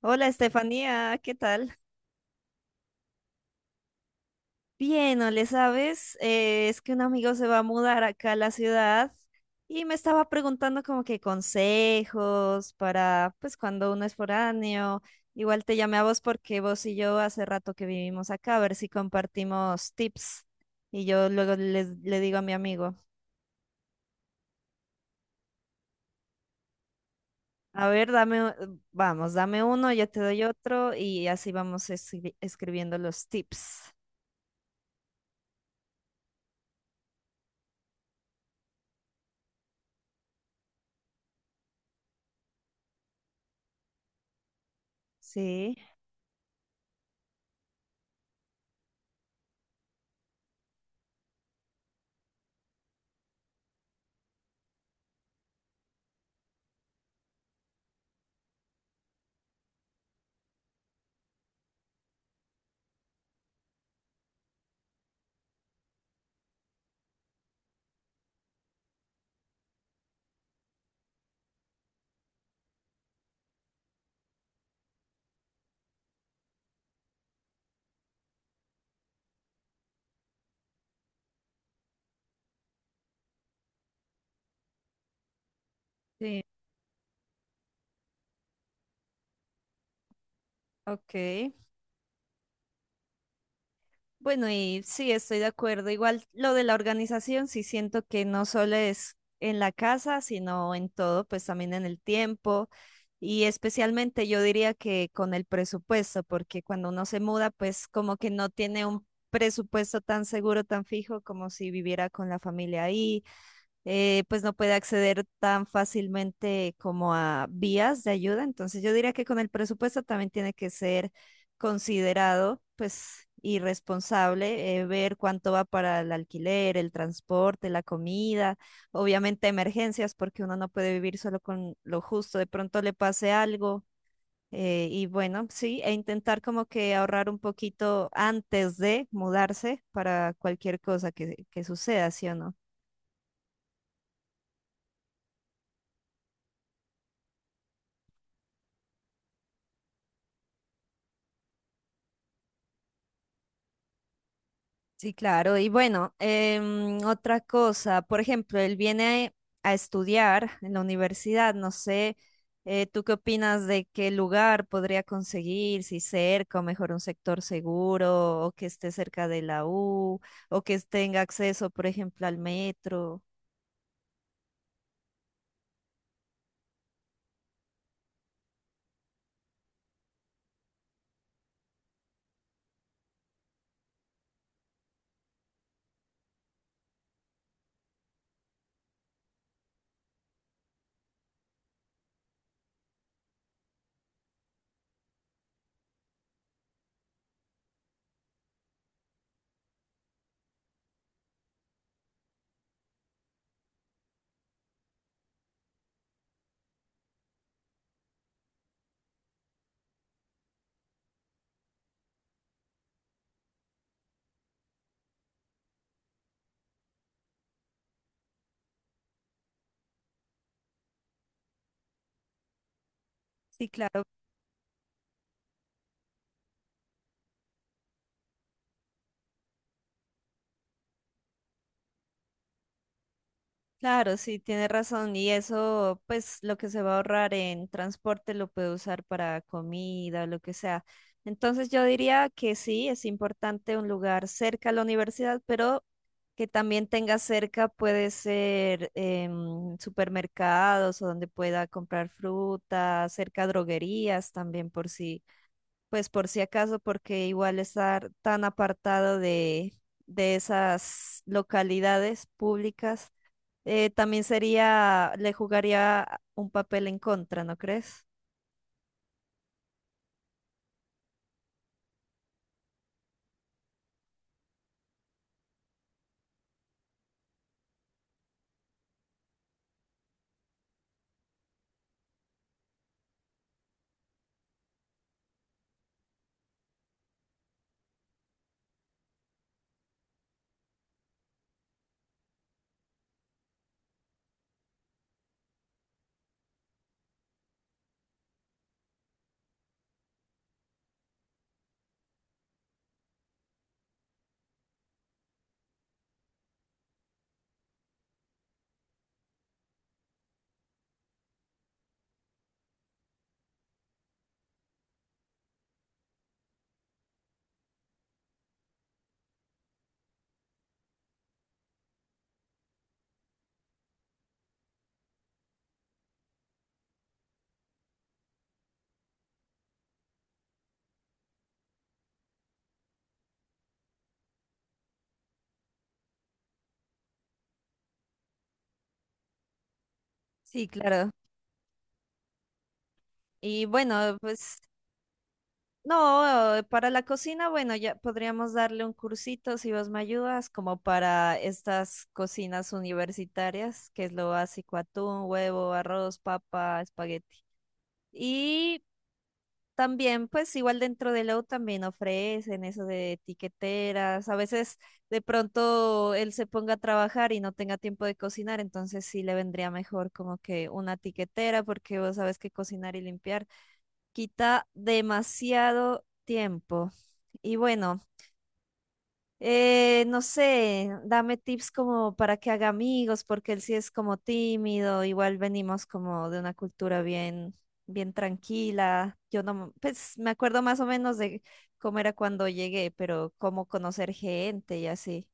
Hola Estefanía, ¿qué tal? Bien, ¿no le sabes? Es que un amigo se va a mudar acá a la ciudad y me estaba preguntando como que consejos para, pues cuando uno es foráneo, igual te llamé a vos porque vos y yo hace rato que vivimos acá, a ver si compartimos tips y yo le digo a mi amigo, a ver, dame, vamos, dame uno, yo te doy otro y así vamos escribiendo los tips. Sí, sí, ok. Bueno, y sí, estoy de acuerdo. Igual lo de la organización, sí siento que no solo es en la casa, sino en todo, pues también en el tiempo y especialmente yo diría que con el presupuesto, porque cuando uno se muda, pues como que no tiene un presupuesto tan seguro, tan fijo como si viviera con la familia ahí pues no puede acceder tan fácilmente como a vías de ayuda. Entonces yo diría que con el presupuesto también tiene que ser considerado, pues, y responsable, ver cuánto va para el alquiler, el transporte, la comida, obviamente emergencias, porque uno no puede vivir solo con lo justo, de pronto le pase algo. Y bueno, sí, e intentar como que ahorrar un poquito antes de mudarse para cualquier cosa que suceda, ¿sí o no? Sí, claro. Y bueno, otra cosa, por ejemplo, él viene a estudiar en la universidad. No sé, ¿tú qué opinas de qué lugar podría conseguir? Si cerca o mejor un sector seguro o que esté cerca de la U o que tenga acceso, por ejemplo, al metro. Sí, claro. Claro, sí, tiene razón. Y eso, pues lo que se va a ahorrar en transporte lo puede usar para comida o lo que sea. Entonces yo diría que sí, es importante un lugar cerca a la universidad, pero que también tenga cerca puede ser supermercados o donde pueda comprar fruta, cerca droguerías también por si, pues por si acaso, porque igual estar tan apartado de esas localidades públicas también sería, le jugaría un papel en contra, ¿no crees? Sí, claro. Y bueno, pues no, para la cocina, bueno, ya podríamos darle un cursito si vos me ayudas, como para estas cocinas universitarias, que es lo básico, atún, huevo, arroz, papa, espagueti. Y también, pues igual dentro de Lowe también ofrecen eso de tiqueteras. A veces de pronto él se ponga a trabajar y no tenga tiempo de cocinar, entonces sí le vendría mejor como que una tiquetera porque vos sabes que cocinar y limpiar quita demasiado tiempo. Y bueno. No sé, dame tips como para que haga amigos, porque él sí es como tímido, igual venimos como de una bien tranquila. Yo no, pues me acuerdo más o menos de cómo era cuando llegué, pero cómo conocer gente y así.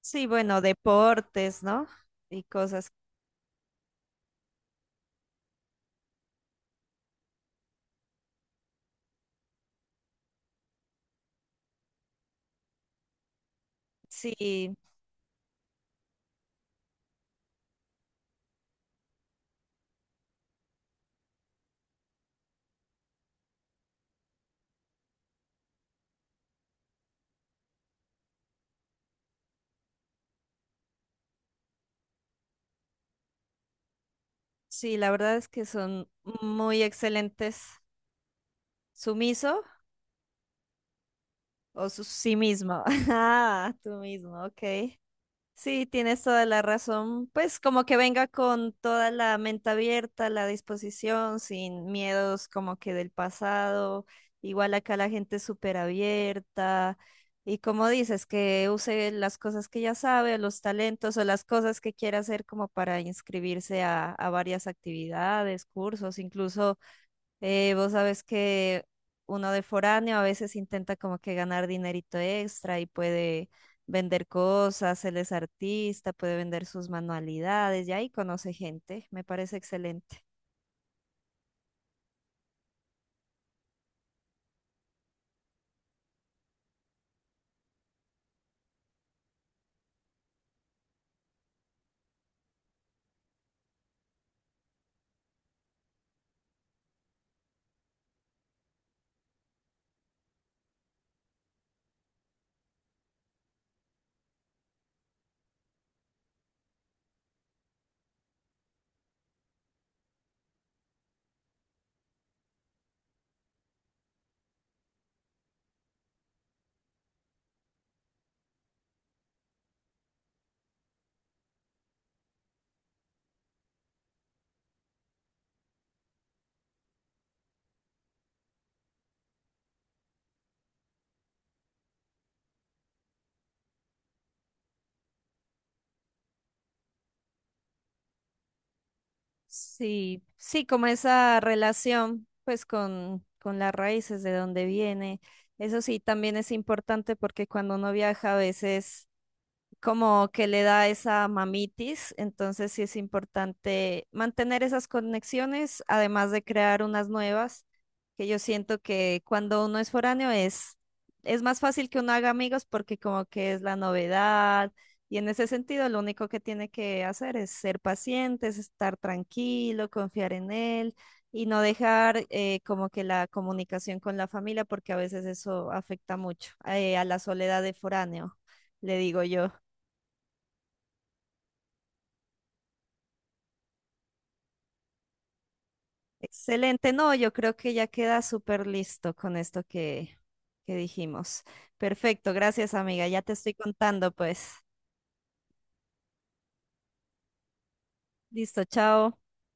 Sí, bueno, deportes, ¿no? Y cosas. Sí, sí, la verdad es que son muy excelentes. ¿Sumiso o su sí mismo? Ah, tú mismo, ok. Sí, tienes toda la razón. Pues como que venga con toda la mente abierta, la disposición, sin miedos como que del pasado. Igual acá la gente es súper abierta. Y como dices, que use las cosas que ya sabe, o los talentos o las cosas que quiera hacer como para inscribirse a varias actividades, cursos, incluso vos sabes que uno de foráneo a veces intenta como que ganar dinerito extra y puede vender cosas, él es artista, puede vender sus manualidades y ahí conoce gente, me parece excelente. Sí, sí, como esa relación pues con las raíces de donde viene. Eso sí, también es importante porque cuando uno viaja a veces como que le da esa mamitis, entonces sí es importante mantener esas conexiones, además de crear unas nuevas, que yo siento que cuando uno es foráneo es más fácil que uno haga amigos porque como que es la novedad y en ese sentido lo único que tiene que hacer es ser paciente, es estar tranquilo, confiar en él. Y no dejar como que la comunicación con la familia, porque a veces eso afecta mucho a la soledad de foráneo le digo yo. Excelente, no, yo creo que ya queda súper listo con esto que dijimos. Perfecto, gracias amiga, ya te estoy contando pues. Listo, chao.